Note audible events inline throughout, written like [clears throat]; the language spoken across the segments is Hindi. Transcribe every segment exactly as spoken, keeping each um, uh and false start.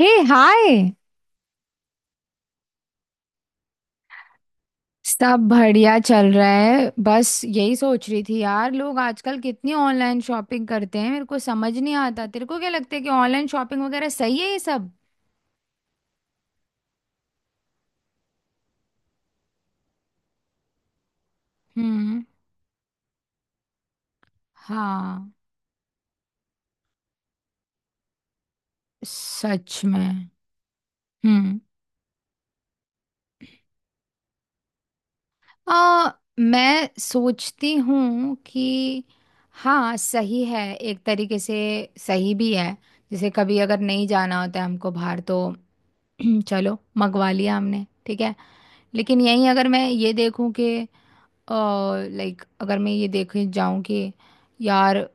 हे हाय। सब बढ़िया चल रहा है। बस यही सोच रही थी यार, लोग आजकल कितनी ऑनलाइन शॉपिंग करते हैं, मेरे को समझ नहीं आता। तेरे को क्या लगता है कि ऑनलाइन शॉपिंग वगैरह सही है ये सब? हम्म। हाँ। सच में। हम्म। आ, मैं सोचती हूँ कि हाँ सही है एक तरीके से। सही भी है। जैसे कभी अगर नहीं जाना होता है हमको बाहर तो [clears throat] चलो मंगवा लिया हमने, ठीक है। लेकिन यहीं अगर मैं ये देखूं कि लाइक अगर मैं ये देखे जाऊं कि यार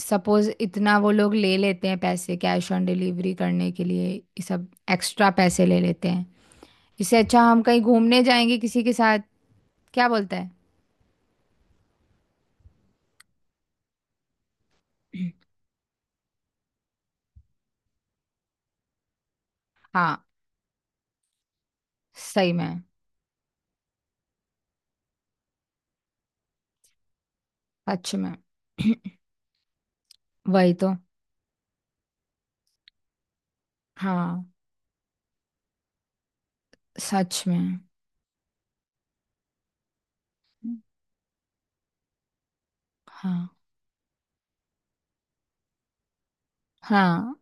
सपोज इतना वो लोग ले लेते हैं पैसे कैश ऑन डिलीवरी करने के लिए, ये सब एक्स्ट्रा पैसे ले लेते हैं। इससे अच्छा हम कहीं घूमने जाएंगे किसी के साथ। क्या बोलता है? [clears throat] हाँ। सही में। सच में। [clears throat] वही तो। हाँ। सच में। हाँ। हाँ।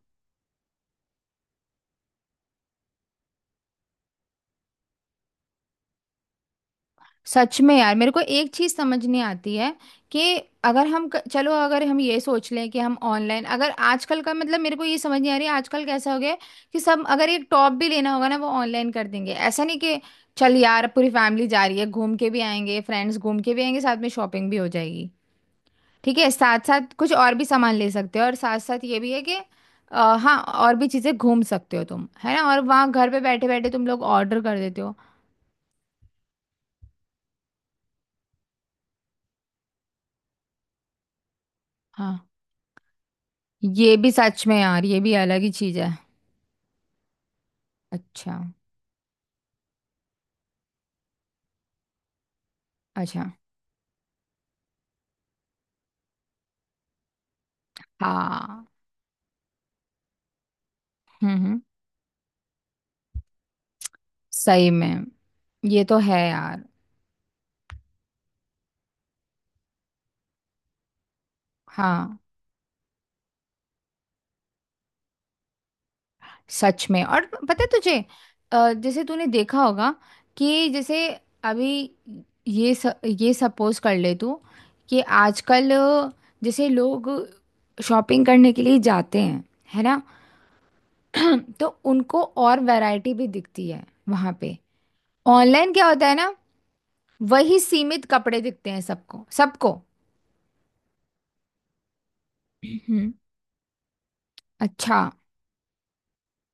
सच में यार, मेरे को एक चीज समझ नहीं आती है कि अगर हम क- चलो, अगर हम ये सोच लें कि हम ऑनलाइन अगर आजकल का मतलब मेरे को ये समझ नहीं आ रही है, आजकल कैसा हो गया है कि सब अगर एक टॉप भी लेना होगा ना वो ऑनलाइन कर देंगे, ऐसा नहीं कि चल यार पूरी फैमिली जा रही है, घूम के भी आएंगे, फ्रेंड्स घूम के भी आएंगे, साथ में शॉपिंग भी हो जाएगी। ठीक है, साथ साथ कुछ और भी सामान ले सकते हो और साथ साथ ये भी है कि अ, हाँ, और भी चीजें घूम सकते हो तुम, है ना? और वहाँ घर पे बैठे बैठे तुम लोग ऑर्डर कर देते हो। हाँ। ये भी सच में यार, ये भी अलग ही चीज है। अच्छा। अच्छा। हाँ। हम्म। हम्म। सही में। ये तो है यार। हाँ, सच में, और पता है तुझे अ, जैसे तूने देखा होगा कि जैसे अभी ये स, ये सपोज कर ले तू कि आजकल अ, जैसे लोग शॉपिंग करने के लिए जाते हैं, है ना? [clears throat] तो उनको और वैरायटी भी दिखती है वहां पे। ऑनलाइन क्या होता है ना, वही सीमित कपड़े दिखते हैं सबको सबको। हम्म। अच्छा।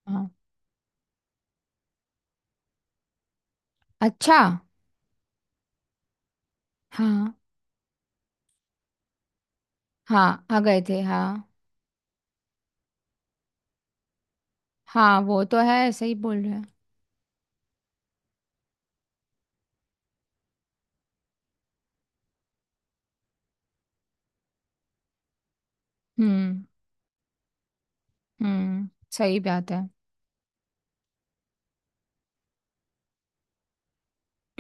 हाँ। अच्छा। हाँ। हाँ आ गए थे, हाँ। हाँ वो तो है, सही बोल रहे हैं। हम्म। हम्म। सही बात है। [clears throat]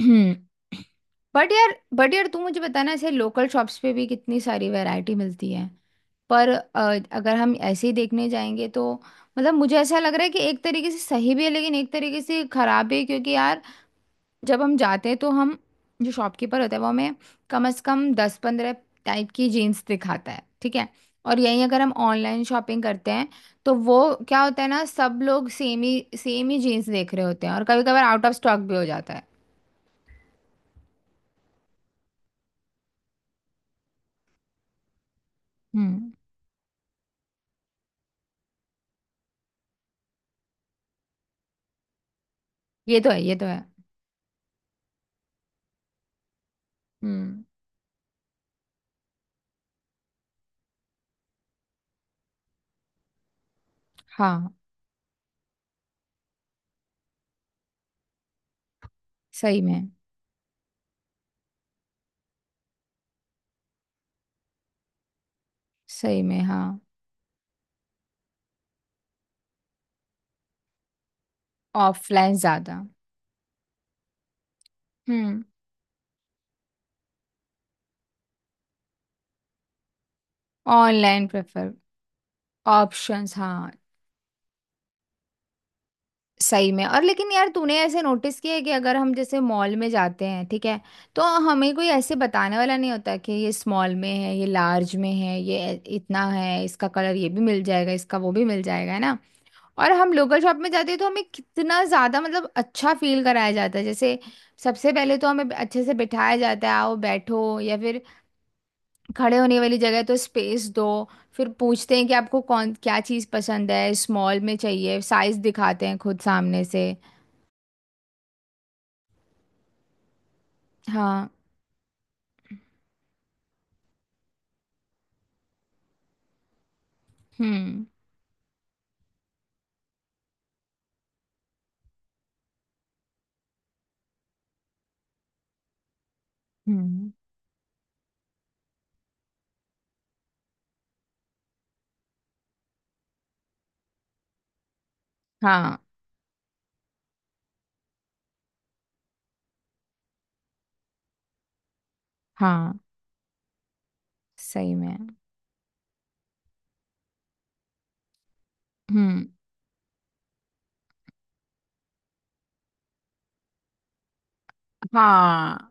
हम्म। बट यार बट यार तू मुझे बताना, ऐसे लोकल शॉप्स पे भी कितनी सारी वैरायटी मिलती है। पर अ, अगर हम ऐसे ही देखने जाएंगे तो मतलब मुझे ऐसा लग रहा है कि एक तरीके से सही भी है लेकिन एक तरीके से खराब भी है, क्योंकि यार जब हम जाते हैं तो हम, जो शॉपकीपर होता है वो हमें कम से कम दस पंद्रह टाइप की जीन्स दिखाता है, ठीक है। और यहीं अगर हम ऑनलाइन शॉपिंग करते हैं तो वो क्या होता है ना, सब लोग सेम ही सेम ही जीन्स देख रहे होते हैं और कभी कभार आउट ऑफ स्टॉक भी हो जाता है। हम्म। ये तो है, ये तो है। हम्म। हाँ। सही में, सही में। हाँ। ऑफलाइन ज्यादा। हम्म। Online prefer. ऑप्शंस। हाँ। सही में, और लेकिन यार तूने ऐसे नोटिस किया है कि अगर हम जैसे मॉल में जाते हैं, ठीक है, तो हमें कोई ऐसे बताने वाला नहीं होता कि ये स्मॉल में है, ये लार्ज में है, ये ए- इतना है, इसका कलर ये भी मिल जाएगा इसका वो भी मिल जाएगा, है ना? और हम लोकल शॉप में जाते हैं तो हमें कितना ज़्यादा मतलब अच्छा फील कराया जाता है, जैसे सबसे पहले तो हमें अच्छे से बिठाया जाता है, आओ बैठो, या फिर खड़े होने वाली जगह है तो स्पेस दो। फिर पूछते हैं कि आपको कौन क्या चीज़ पसंद है, स्मॉल में चाहिए, साइज़ दिखाते हैं खुद सामने से। हाँ। हम्म। हम्म। हाँ। हाँ। सही में। हम्म। हाँ।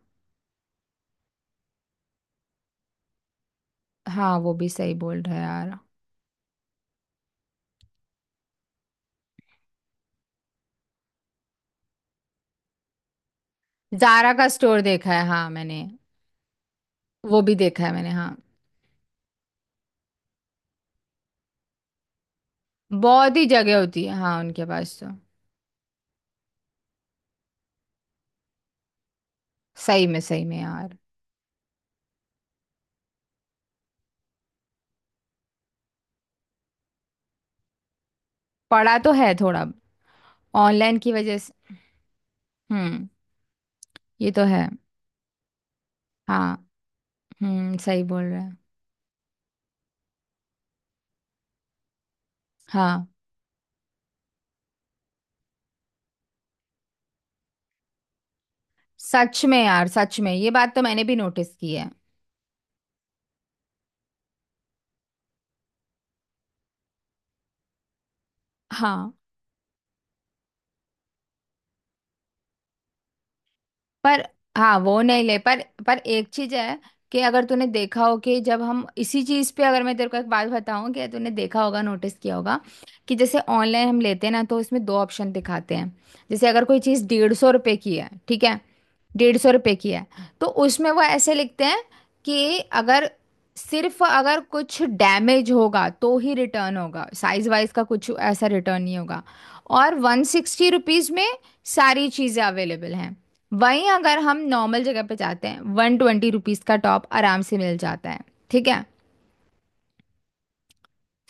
हाँ वो भी सही बोल रहा है यार। जारा का स्टोर देखा है, हाँ मैंने। वो भी देखा है मैंने, हाँ। बहुत ही जगह होती है हाँ, उनके पास तो। सही में, सही में यार। पढ़ा तो है थोड़ा। ऑनलाइन की वजह से। हम्म। ये तो है। हाँ। हम्म, सही बोल रहे हैं। हाँ सच में यार, सच में ये बात तो मैंने भी नोटिस की है। हाँ। पर हाँ वो नहीं ले, पर पर एक चीज है कि अगर तूने देखा हो कि जब हम इसी चीज पे अगर मैं तेरे को एक बात बताऊं कि तूने देखा होगा, नोटिस किया होगा कि जैसे ऑनलाइन हम लेते हैं ना तो इसमें दो ऑप्शन दिखाते हैं। जैसे अगर कोई चीज डेढ़ सौ रुपए की है, ठीक है। डेढ़ सौ रुपये की है। तो उसमें वो ऐसे लिखते हैं कि अगर सिर्फ अगर कुछ डैमेज होगा तो ही रिटर्न होगा, साइज वाइज का कुछ ऐसा रिटर्न नहीं होगा। और वन सिक्सटी रुपीज़ में सारी चीज़ें अवेलेबल हैं। वहीं अगर हम नॉर्मल जगह पे जाते हैं वन ट्वेंटी रुपीज़ का टॉप आराम से मिल जाता है, ठीक है।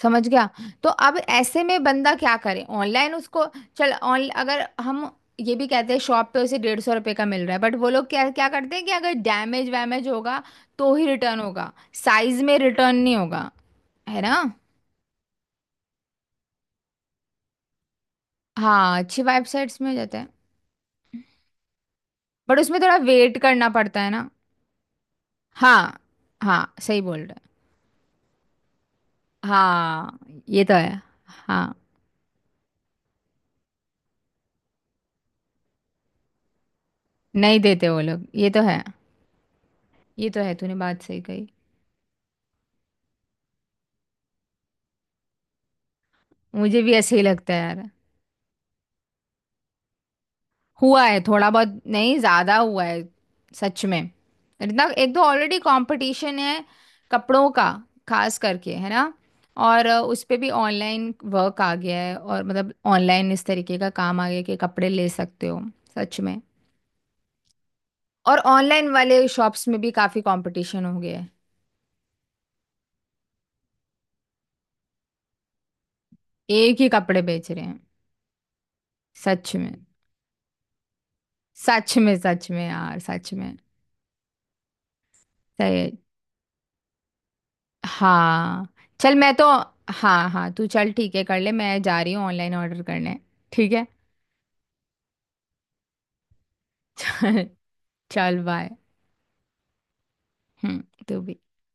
समझ गया। तो अब ऐसे में बंदा क्या करे ऑनलाइन उसको, चल ऑन अगर हम ये भी कहते हैं शॉप पे उसे डेढ़ सौ रुपये का मिल रहा है, बट वो लोग क्या क्या करते हैं कि अगर डैमेज वैमेज होगा तो ही रिटर्न होगा, साइज में रिटर्न नहीं होगा, है ना? हाँ, अच्छी वेबसाइट्स में हो जाता है। बट उसमें थोड़ा वेट करना पड़ता है ना। हाँ। हाँ सही बोल रहे हैं। हाँ। ये तो है। हाँ। नहीं देते वो लोग, ये तो है। ये तो है, तूने बात सही कही। मुझे भी ऐसे ही लगता है यार। हुआ है थोड़ा बहुत नहीं, ज्यादा हुआ है। सच में। इतना एक तो ऑलरेडी कंपटीशन है कपड़ों का, खास करके, है ना? और अ, उस पे भी ऑनलाइन वर्क आ गया है और मतलब ऑनलाइन इस तरीके का काम आ गया कि कपड़े ले सकते हो। सच में। और ऑनलाइन वाले शॉप्स में भी काफी कंपटीशन हो गया है। एक ही कपड़े बेच रहे हैं। सच में। सच में। सच में यार, सच में। सही है। हाँ। चल, मैं तो। हाँ हाँ तू चल, ठीक है कर ले, मैं जा रही हूँ ऑनलाइन ऑर्डर करने। ठीक है। [laughs] चल, चल बाय। हम्म, तू भी।